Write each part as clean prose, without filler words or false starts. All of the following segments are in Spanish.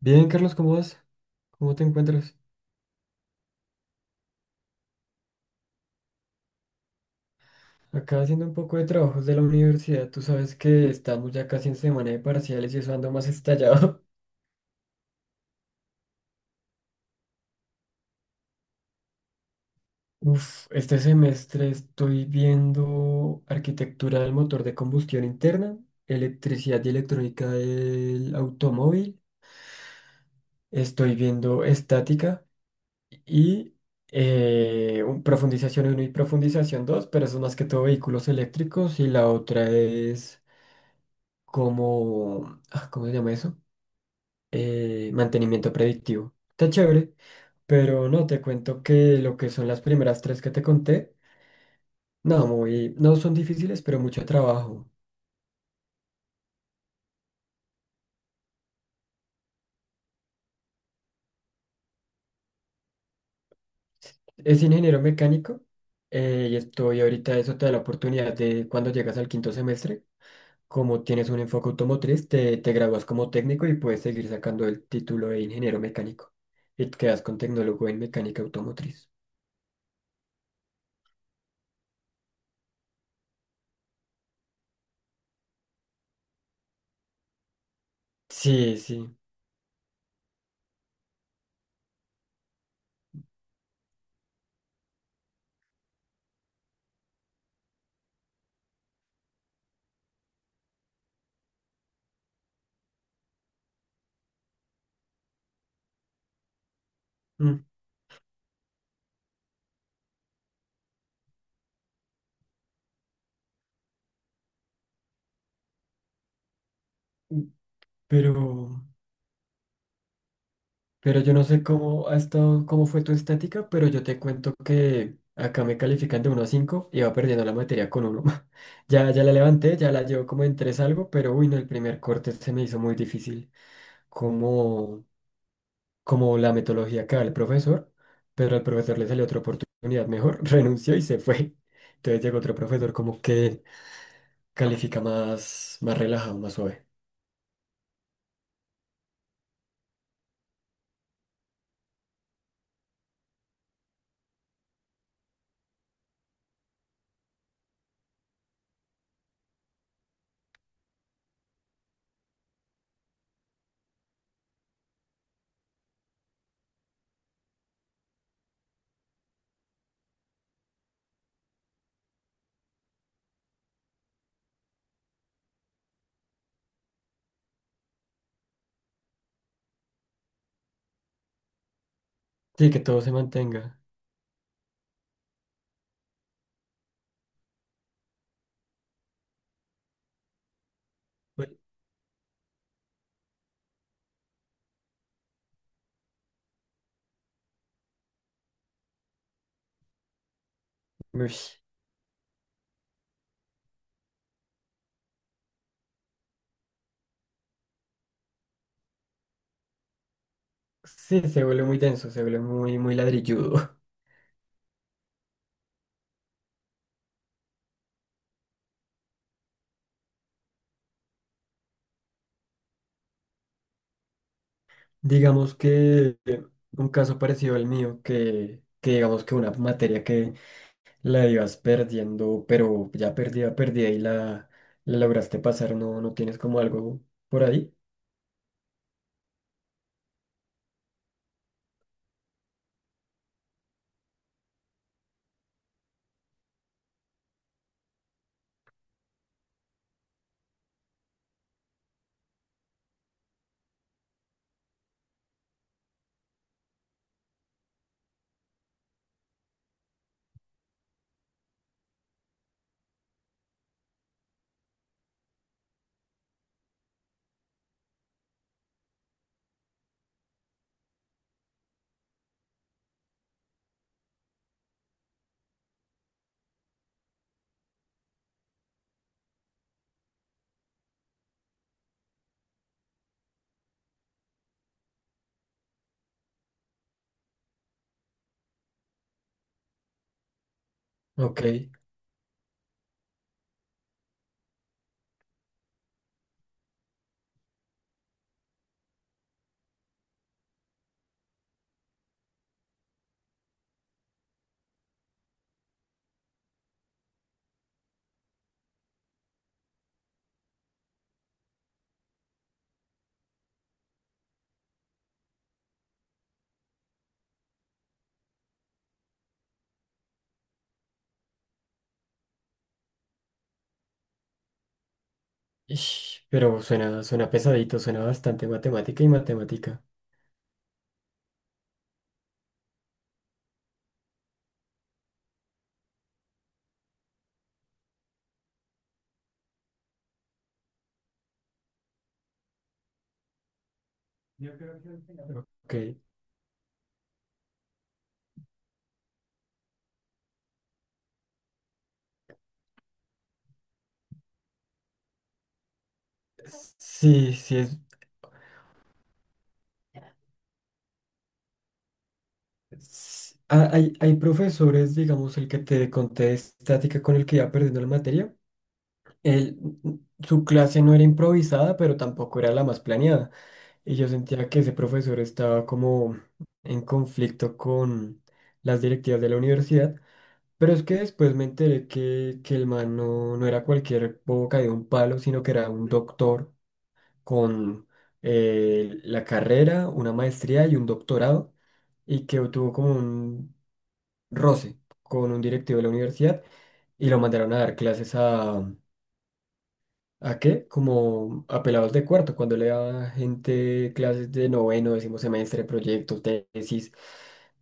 Bien, Carlos, ¿cómo vas? ¿Cómo te encuentras? Acá haciendo un poco de trabajos de la universidad. Tú sabes que estamos ya casi en semana de parciales y eso ando más estallado. Uf, este semestre estoy viendo arquitectura del motor de combustión interna, electricidad y electrónica del automóvil. Estoy viendo estática y profundización uno y profundización dos, pero eso es más que todo vehículos eléctricos, y la otra es como, ah, ¿cómo se llama eso? Mantenimiento predictivo. Está chévere, pero no, te cuento que lo que son las primeras tres que te conté, no, no son difíciles, pero mucho trabajo. Es ingeniero mecánico, y estoy ahorita, eso te da la oportunidad de cuando llegas al quinto semestre, como tienes un enfoque automotriz, te gradúas como técnico y puedes seguir sacando el título de ingeniero mecánico y te quedas con tecnólogo en mecánica automotriz. Sí, sí. mm, Pero... Pero yo no sé cómo ha estado, cómo fue tu estática, pero yo te cuento que acá me califican de 1 a 5 y va perdiendo la materia con 1. Ya, ya la levanté, ya la llevo como en 3 algo, pero uy, no, el primer corte se me hizo muy difícil, como, como la metodología que da el profesor, pero al profesor le salió otra oportunidad mejor, renunció y se fue. Entonces llegó otro profesor como que califica más, más relajado, más suave. Sí, que todo se mantenga. Uy, uy. Sí, se vuelve muy denso, se vuelve muy, muy ladrilludo. Digamos que un caso parecido al mío, que, digamos que una materia que la ibas perdiendo, pero ya perdida, perdida y la lograste pasar, no, no tienes como algo por ahí. Ok. Ish, pero suena, suena pesadito, suena bastante matemática y matemática. Ok. Sí, sí es. Hay profesores, digamos, el que te conté de estática con el que iba perdiendo la materia. Él, su clase no era improvisada, pero tampoco era la más planeada. Y yo sentía que ese profesor estaba como en conflicto con las directivas de la universidad, pero es que después me enteré que el man no, no era cualquier boca de un palo, sino que era un doctor con la carrera, una maestría y un doctorado, y que tuvo como un roce con un directivo de la universidad y lo mandaron a dar clases. ¿A qué? Como a pelados de cuarto, cuando le da gente clases de noveno, décimo semestre, proyectos, tesis,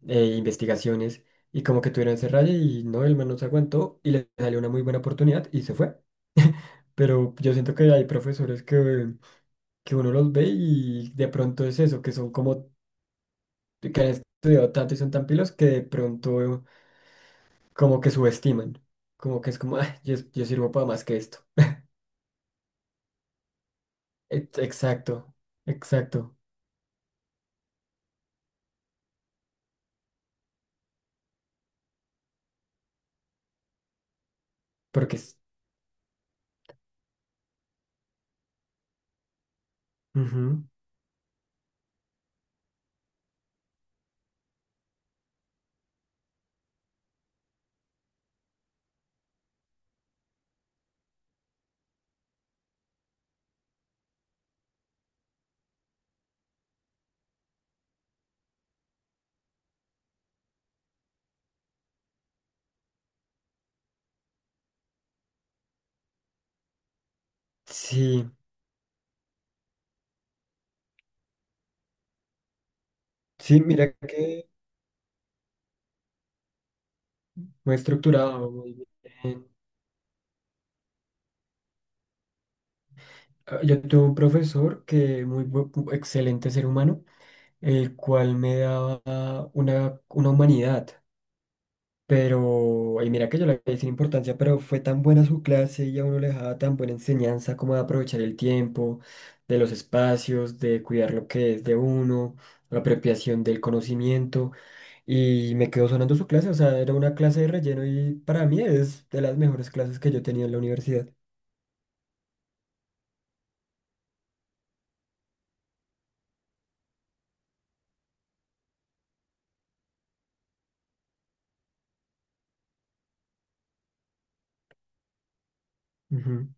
investigaciones, y como que tuvieron ese rayo y no, el man no se aguantó y le salió una muy buena oportunidad y se fue. Pero yo siento que hay profesores que, uno los ve y de pronto es eso, que son como, que han estudiado tanto y son tan pilos que de pronto como que subestiman, como que es como, "Ay, yo, sirvo para más que esto". Exacto, exacto, porque Ujú. Sí, sí, mira que muy estructurado, muy bien. Ah, yo tuve un profesor que muy excelente ser humano, el cual me daba una humanidad, pero, y mira que yo le di sin importancia, pero fue tan buena su clase y a uno le dejaba tan buena enseñanza como de aprovechar el tiempo, de los espacios, de cuidar lo que es de uno, la apropiación del conocimiento. Y me quedó sonando su clase, o sea, era una clase de relleno y para mí es de las mejores clases que yo tenía en la universidad. Ujú.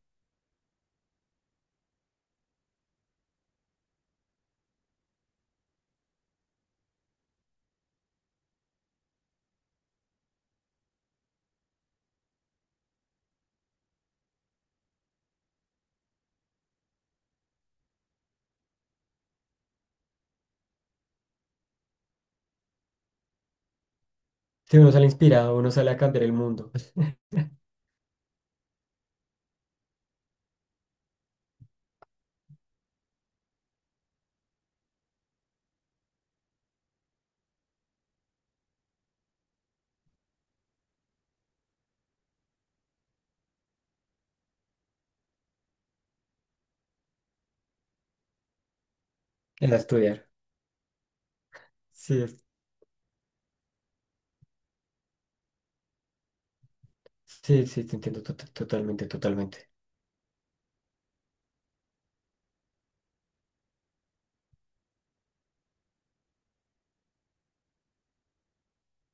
Sí, uno sale inspirado, uno sale a cambiar el mundo, a estudiar. Sí, sí, sí, te entiendo totalmente, totalmente.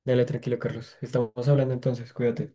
Dale tranquilo, Carlos. Estamos hablando entonces, cuídate.